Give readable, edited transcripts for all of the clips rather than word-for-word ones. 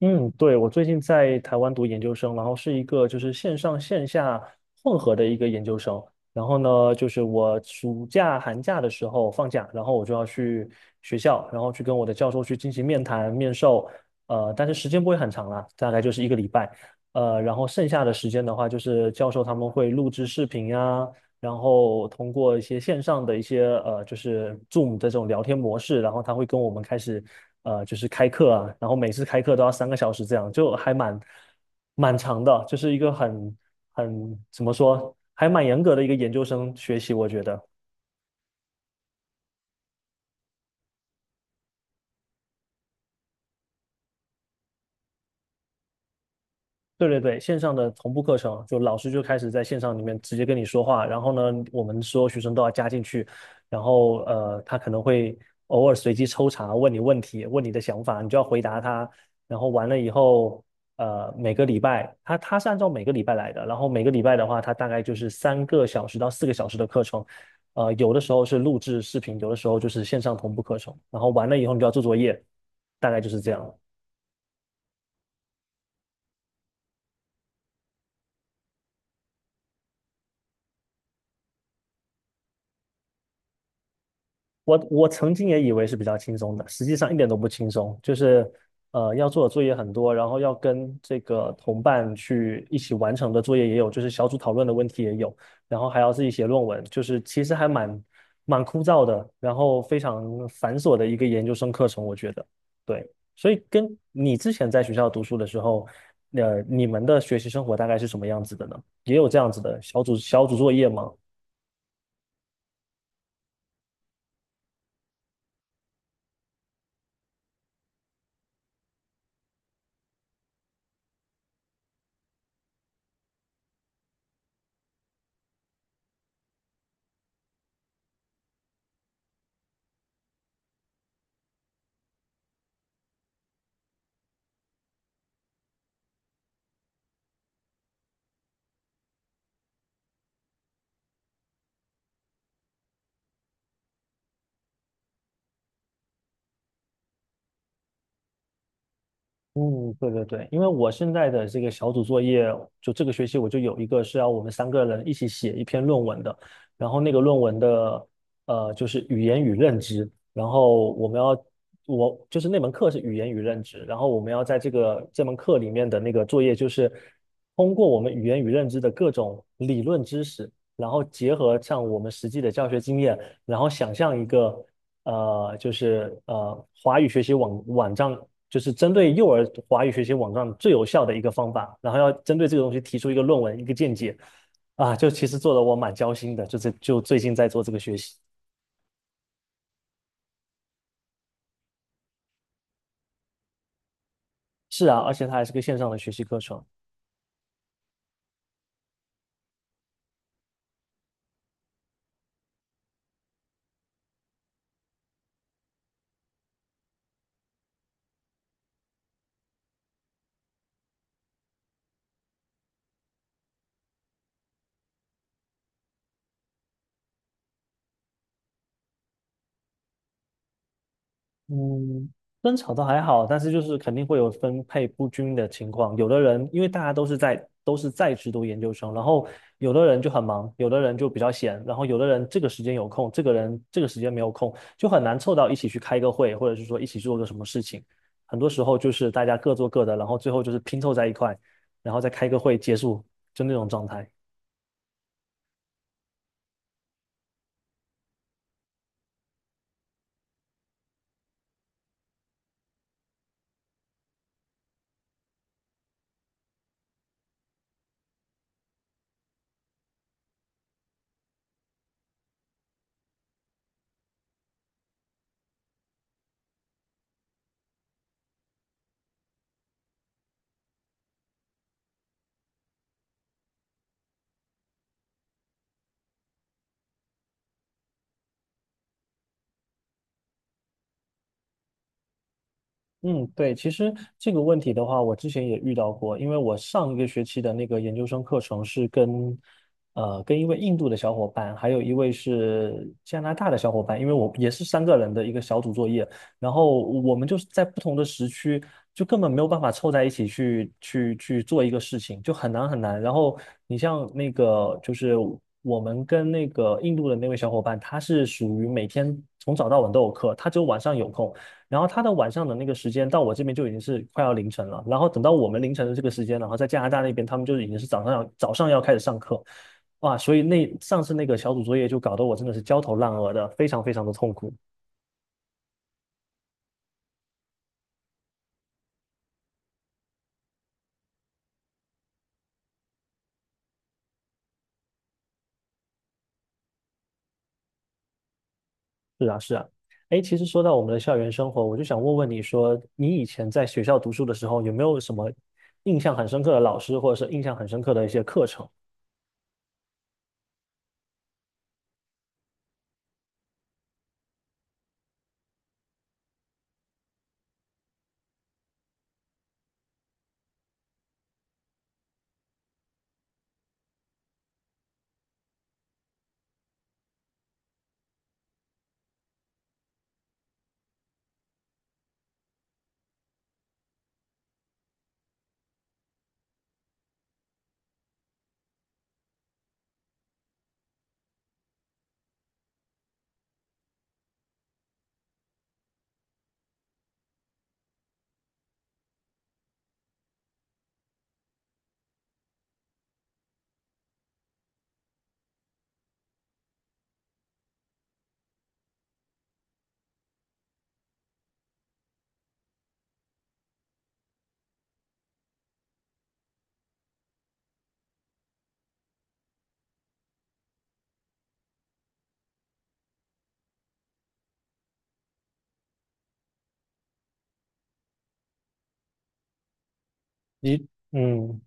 嗯，对，我最近在台湾读研究生，然后是一个就是线上线下混合的一个研究生。然后呢，就是我暑假、寒假的时候放假，然后我就要去学校，然后去跟我的教授去进行面谈、面授。但是时间不会很长啦，大概就是一个礼拜。然后剩下的时间的话，就是教授他们会录制视频呀，然后通过一些线上的一些就是 Zoom 的这种聊天模式，然后他会跟我们开始就是开课啊，然后每次开课都要三个小时，这样就还蛮长的，就是一个很怎么说，还蛮严格的一个研究生学习，我觉得。对对对，线上的同步课程，就老师就开始在线上里面直接跟你说话，然后呢，我们所有学生都要加进去，然后他可能会偶尔随机抽查问你问题，问你的想法，你就要回答他，然后完了以后，每个礼拜他是按照每个礼拜来的，然后每个礼拜的话，他大概就是三个小时到4个小时的课程，有的时候是录制视频，有的时候就是线上同步课程，然后完了以后你就要做作业，大概就是这样。我曾经也以为是比较轻松的，实际上一点都不轻松，就是要做的作业很多，然后要跟这个同伴去一起完成的作业也有，就是小组讨论的问题也有，然后还要自己写论文，就是其实还蛮枯燥的，然后非常繁琐的一个研究生课程，我觉得。对，所以跟你之前在学校读书的时候，你们的学习生活大概是什么样子的呢？也有这样子的小组作业吗？嗯，对对对，因为我现在的这个小组作业，就这个学期我就有一个是要我们三个人一起写一篇论文的，然后那个论文的就是语言与认知，然后我们要我就是那门课是语言与认知，然后我们要在这门课里面的那个作业就是通过我们语言与认知的各种理论知识，然后结合上我们实际的教学经验，然后想象一个。华语学习网网站就是针对幼儿华语学习网站最有效的一个方法，然后要针对这个东西提出一个论文、一个见解，啊，就其实做的我蛮焦心的，就这就最近在做这个学习，是啊，而且它还是个线上的学习课程，嗯，争吵倒还好，但是就是肯定会有分配不均的情况。有的人因为大家都是在职读研究生，然后有的人就很忙，有的人就比较闲，然后有的人这个时间有空，这个人这个时间没有空，就很难凑到一起去开个会，或者是说一起做个什么事情。很多时候就是大家各做各的，然后最后就是拼凑在一块，然后再开个会结束，就那种状态。嗯，对，其实这个问题的话，我之前也遇到过，因为我上一个学期的那个研究生课程是跟，跟一位印度的小伙伴，还有一位是加拿大的小伙伴，因为我也是三个人的一个小组作业，然后我们就是在不同的时区，就根本没有办法凑在一起去做一个事情，就很难很难。然后你像那个就是我们跟那个印度的那位小伙伴，他是属于每天从早到晚都有课，他只有晚上有空。然后他的晚上的那个时间到我这边就已经是快要凌晨了，然后等到我们凌晨的这个时间，然后在加拿大那边他们就已经是早上要开始上课，哇，所以那上次那个小组作业就搞得我真的是焦头烂额的，非常非常的痛苦。是啊，是啊。哎，其实说到我们的校园生活，我就想问问你说，你以前在学校读书的时候，有没有什么印象很深刻的老师，或者是印象很深刻的一些课程？你嗯。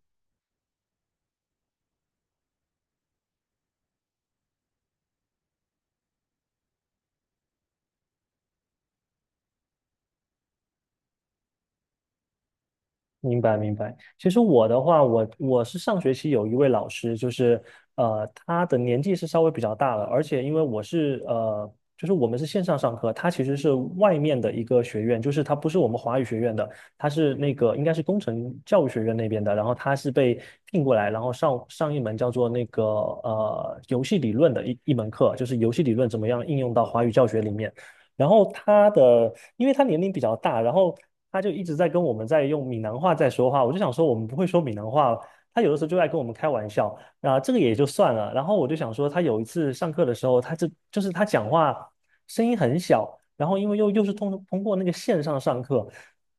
明白明白。其实我的话，我是上学期有一位老师，就是他的年纪是稍微比较大了，而且因为我是就是我们是线上上课，他其实是外面的一个学院，就是他不是我们华语学院的，他是那个应该是工程教育学院那边的，然后他是被聘过来，然后上一门叫做那个游戏理论的一门课，就是游戏理论怎么样应用到华语教学里面。然后因为他年龄比较大，然后他就一直在跟我们在用闽南话在说话。我就想说，我们不会说闽南话，他有的时候就爱跟我们开玩笑。那、这个也就算了。然后我就想说，他有一次上课的时候，他这就是他讲话声音很小，然后因为又是通过那个线上上课，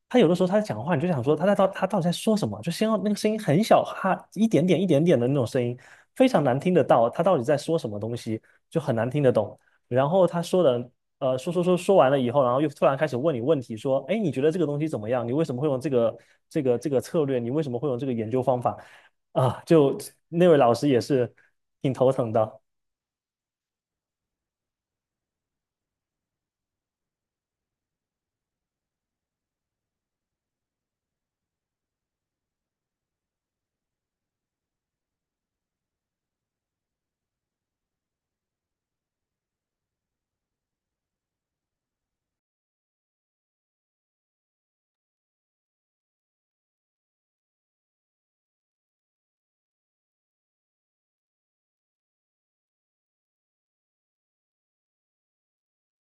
他有的时候他讲话，你就想说他到底在说什么？就先要那个声音很小，哈，一点点一点点的那种声音，非常难听得到，他到底在说什么东西，就很难听得懂。然后他说的说完了以后，然后又突然开始问你问题，说，哎，你觉得这个东西怎么样？你为什么会用这个策略？你为什么会用这个研究方法？啊，就那位老师也是挺头疼的。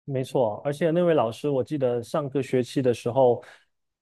没错，而且那位老师，我记得上个学期的时候，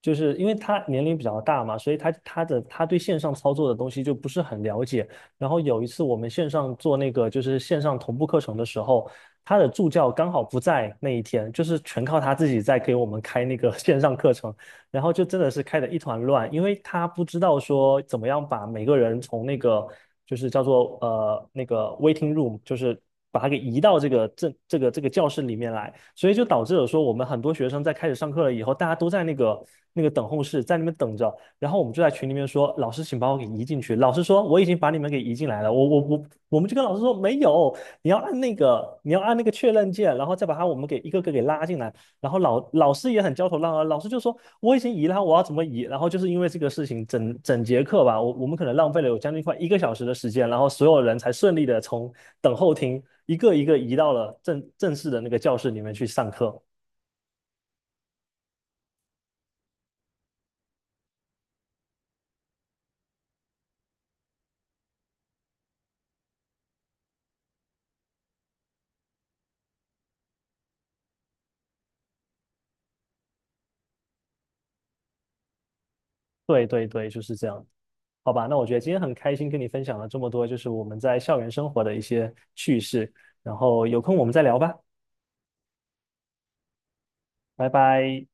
就是因为他年龄比较大嘛，所以他对线上操作的东西就不是很了解。然后有一次我们线上做那个就是线上同步课程的时候，他的助教刚好不在那一天，就是全靠他自己在给我们开那个 线上课程。然后就真的是开得一团乱，因为他不知道说怎么样把每个人从那个就是叫做那个 waiting room，就是把他给移到这个教室里面来，所以就导致了说我们很多学生在开始上课了以后，大家都在那个等候室在那边等着，然后我们就在群里面说，老师请把我给移进去，老师说我已经把你们给移进来了，我们就跟老师说没有，你要按那个确认键，然后再把他我们给一个个给拉进来。然后老师也很焦头烂额，老师就说我已经移了，我要怎么移？然后就是因为这个事情，整整节课吧，我们可能浪费了有将近快一个小时的时间，然后所有人才顺利的从等候厅一个一个移到了正式的那个教室里面去上课。对对对，就是这样。好吧，那我觉得今天很开心跟你分享了这么多，就是我们在校园生活的一些趣事，然后有空我们再聊吧，拜拜。